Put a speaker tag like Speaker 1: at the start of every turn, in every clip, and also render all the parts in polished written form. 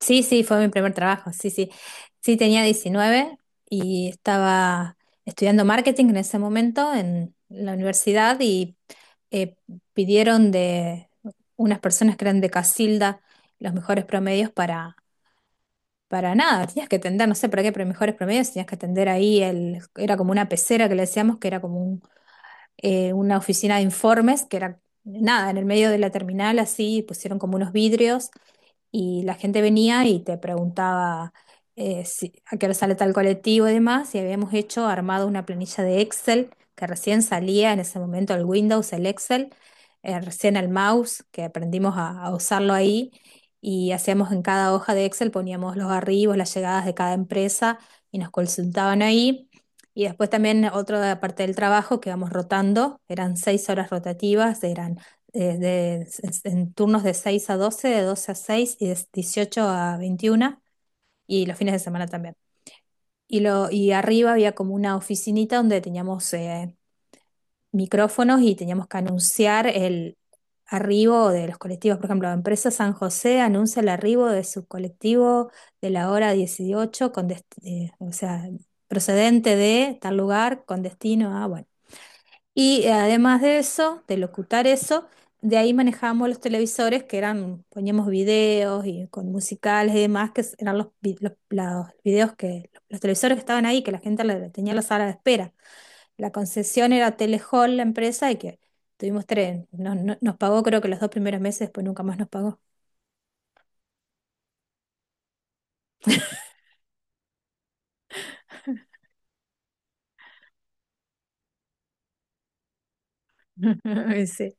Speaker 1: Sí, sí, fue mi primer trabajo, sí, sí. Sí, tenía 19 y estaba estudiando marketing en ese momento en la universidad y eh, pidieron de unas personas que eran de Casilda los mejores promedios para nada, tenías que atender, no sé para qué, pero mejores promedios, tenías que atender ahí, era como una pecera que le decíamos, que era como una oficina de informes, que era nada, en el medio de la terminal así pusieron como unos vidrios y la gente venía y te preguntaba a qué hora sale tal colectivo y demás, y habíamos hecho, armado una planilla de Excel que recién salía en ese momento el Windows, el Excel, recién el mouse, que aprendimos a usarlo ahí, y hacíamos en cada hoja de Excel, poníamos los arribos, las llegadas de cada empresa y nos consultaban ahí. Y después también otra parte del trabajo que vamos rotando, eran 6 horas rotativas, eran en turnos de 6 a 12, de 12 a 6 y de 18 a 21 y los fines de semana también. Y arriba había como una oficinita donde teníamos micrófonos y teníamos que anunciar el arribo de los colectivos. Por ejemplo, la empresa San José anuncia el arribo de su colectivo de la hora 18 con o sea, procedente de tal lugar con destino a, bueno. Y además de eso, de locutar eso, de ahí manejábamos los televisores que eran, poníamos videos y con musicales y demás, que eran los videos los televisores que estaban ahí, que la gente tenía en la sala de espera. La concesión era Telehall, la empresa, y que tuvimos tres, nos pagó creo que los 2 primeros meses, después nunca más nos pagó.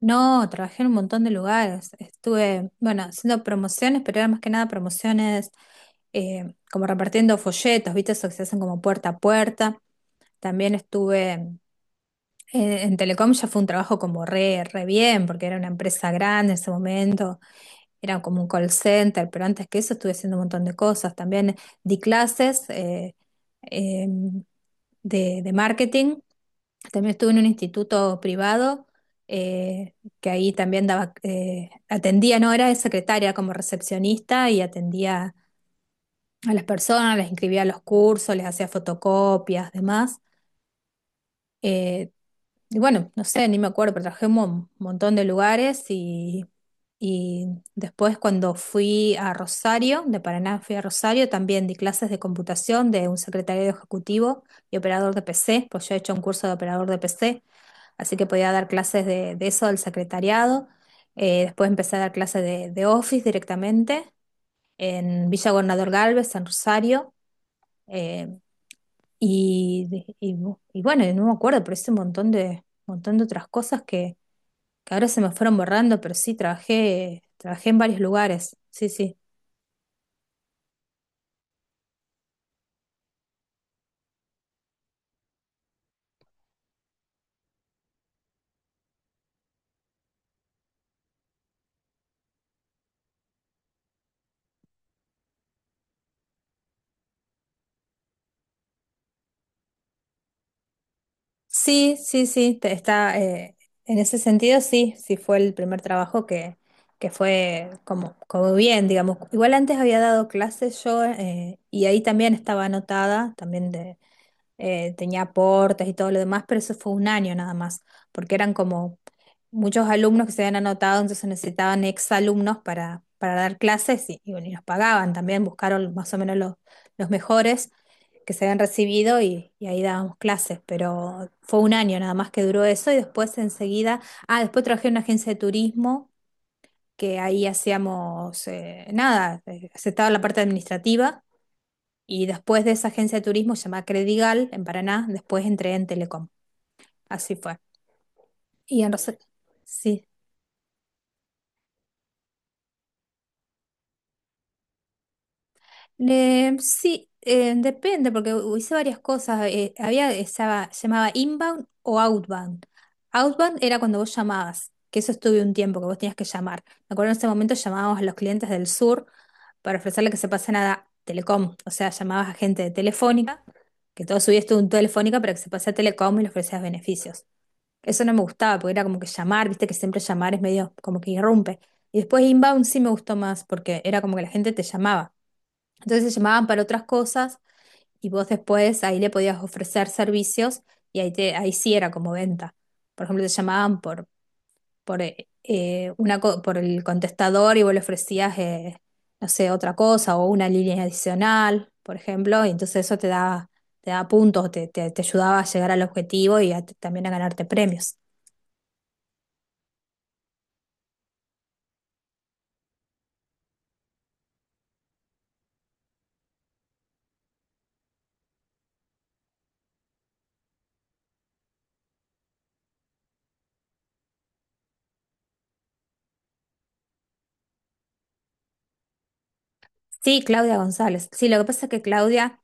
Speaker 1: No, trabajé en un montón de lugares. Estuve, bueno, haciendo promociones, pero era más que nada promociones, como repartiendo folletos, ¿viste? Eso que se hacen como puerta a puerta. También estuve en Telecom, ya fue un trabajo como re bien, porque era una empresa grande en ese momento, era como un call center, pero antes que eso estuve haciendo un montón de cosas. También di clases eh, de marketing también estuve en un instituto privado, eh, que ahí también daba, atendía, no era de secretaria, como recepcionista y atendía a las personas, les inscribía a los cursos, les hacía fotocopias, demás. Eh, y bueno, no sé, ni me acuerdo, pero trabajé en un montón de lugares, y después cuando fui a Rosario, de Paraná fui a Rosario, también di clases de computación de un secretario ejecutivo y operador de PC, pues yo he hecho un curso de operador de PC así que podía dar clases de eso, del secretariado. Después empecé a dar clases de Office directamente en Villa Gobernador Galvez, en Rosario. eh, y, y- y bueno, y no me acuerdo, pero hice un montón de otras cosas que ahora se me fueron borrando, pero sí trabajé en varios lugares. Sí, sí. Sí, sí, sí, está, en ese sentido sí, sí fue el primer trabajo que fue como bien, digamos. Igual antes había dado clases yo, y ahí también estaba anotada, también, tenía aportes y todo lo demás, pero eso fue un año nada más, porque eran como muchos alumnos que se habían anotado, entonces necesitaban exalumnos para dar clases y bueno, y los pagaban también, buscaron más o menos los mejores que se habían recibido y ahí dábamos clases, pero fue un año nada más que duró eso y después enseguida, ah, después trabajé en una agencia de turismo, que ahí hacíamos nada, aceptaba la parte administrativa y después de esa agencia de turismo llamada Credigal en Paraná, después entré en Telecom. Así fue. Y en Rosario. Sí. Sí, depende, porque hice varias cosas. Llamaba inbound o outbound. Outbound era cuando vos llamabas, que eso estuve un tiempo, que vos tenías que llamar. Me acuerdo en ese momento llamábamos a los clientes del sur para ofrecerle que se pasen a Telecom. O sea, llamabas a gente de Telefónica, que todo su día estuvo en Telefónica, para que se pase a Telecom y le ofrecías beneficios. Eso no me gustaba, porque era como que llamar, viste que siempre llamar es medio como que irrumpe. Y después inbound sí me gustó más, porque era como que la gente te llamaba. Entonces se llamaban para otras cosas y vos después ahí, le podías ofrecer servicios y ahí sí era como venta. Por ejemplo, te llamaban por el contestador y vos le ofrecías, no sé, otra cosa o una línea adicional, por ejemplo, y entonces eso te daba puntos, te ayudaba a llegar al objetivo y también a ganarte premios. Sí, Claudia González. Sí, lo que pasa es que Claudia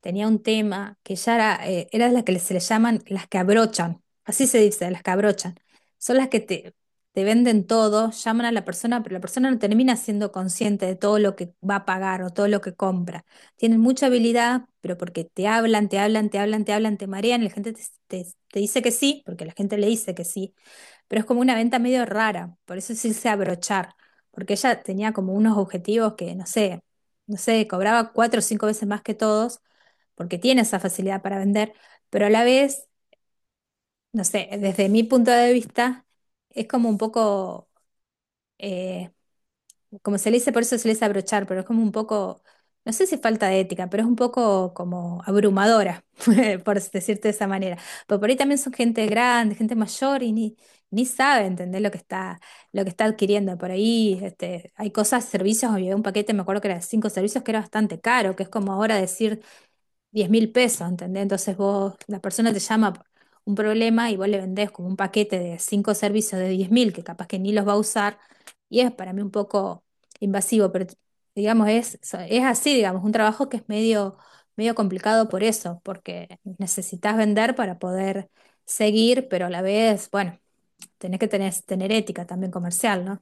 Speaker 1: tenía un tema que ya era la que se le llaman las que abrochan. Así se dice, las que abrochan. Son las que te venden todo, llaman a la persona, pero la persona no termina siendo consciente de todo lo que va a pagar o todo lo que compra. Tienen mucha habilidad, pero porque te hablan, te hablan, te hablan, te hablan, te marean, la gente te dice que sí, porque la gente le dice que sí pero es como una venta medio rara, por eso se hice abrochar, porque ella tenía como unos objetivos no sé, no sé, cobraba cuatro o cinco veces más que todos, porque tiene esa facilidad para vender, pero a la vez, no sé, desde mi punto de vista, es como un poco, eh, como se le dice, por eso se le dice abrochar, pero es como un poco, no sé si falta de ética, pero es un poco como abrumadora, por decirte de esa manera. Pero por ahí también son gente grande, gente mayor y ni sabe entender lo que está adquiriendo. Por ahí este, hay cosas, servicios, había un paquete, me acuerdo que era de cinco servicios, que era bastante caro, que es como ahora decir 10.000 pesos, ¿entendés? Entonces vos, la persona te llama por un problema y vos le vendés como un paquete de cinco servicios de 10.000 que capaz que ni los va a usar y es para mí un poco invasivo, pero digamos, es así, digamos, un trabajo que es medio complicado por eso, porque necesitas vender para poder seguir, pero a la vez, bueno, tenés que tener ética también comercial, ¿no?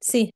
Speaker 1: Sí,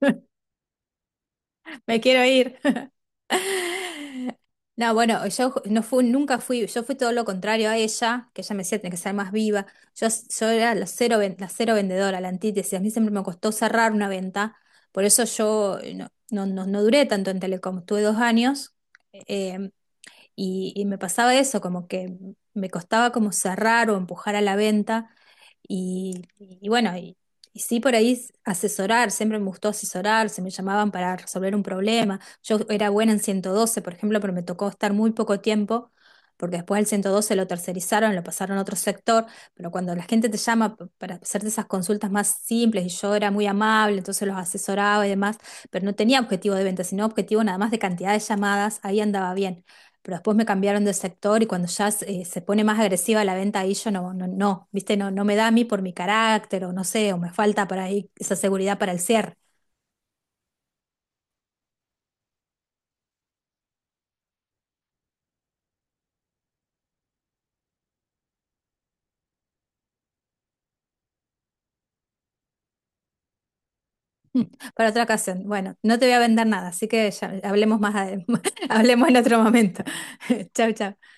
Speaker 1: me quiero ir. No, bueno, yo no fui, nunca fui, yo fui todo lo contrario a ella, que ella me decía, tenés que ser más viva. Yo era la cero, la cero vendedora, la antítesis. A mí siempre me costó cerrar una venta, por eso yo, no, no, no, no duré tanto en Telecom. Tuve 2 años, eh, y me pasaba eso, como que me costaba como cerrar o empujar a la venta. Y bueno, y sí por ahí asesorar, siempre me gustó asesorar, se me llamaban para resolver un problema. Yo era buena en 112 por ejemplo, pero me tocó estar muy poco tiempo, porque después el 112 lo tercerizaron, lo pasaron a otro sector, pero cuando la gente te llama para hacerte esas consultas más simples, y yo era muy amable, entonces los asesoraba y demás, pero no tenía objetivo de venta, sino objetivo nada más de cantidad de llamadas, ahí andaba bien pero después me cambiaron de sector y cuando ya se pone más agresiva la venta ahí yo no, no, no, viste, no, no me da a mí por mi carácter o no sé, o me falta para ahí esa seguridad para el cierre. Para otra ocasión. Bueno, no te voy a vender nada, así que ya hablemos más, hablemos en otro momento. Chau, chau.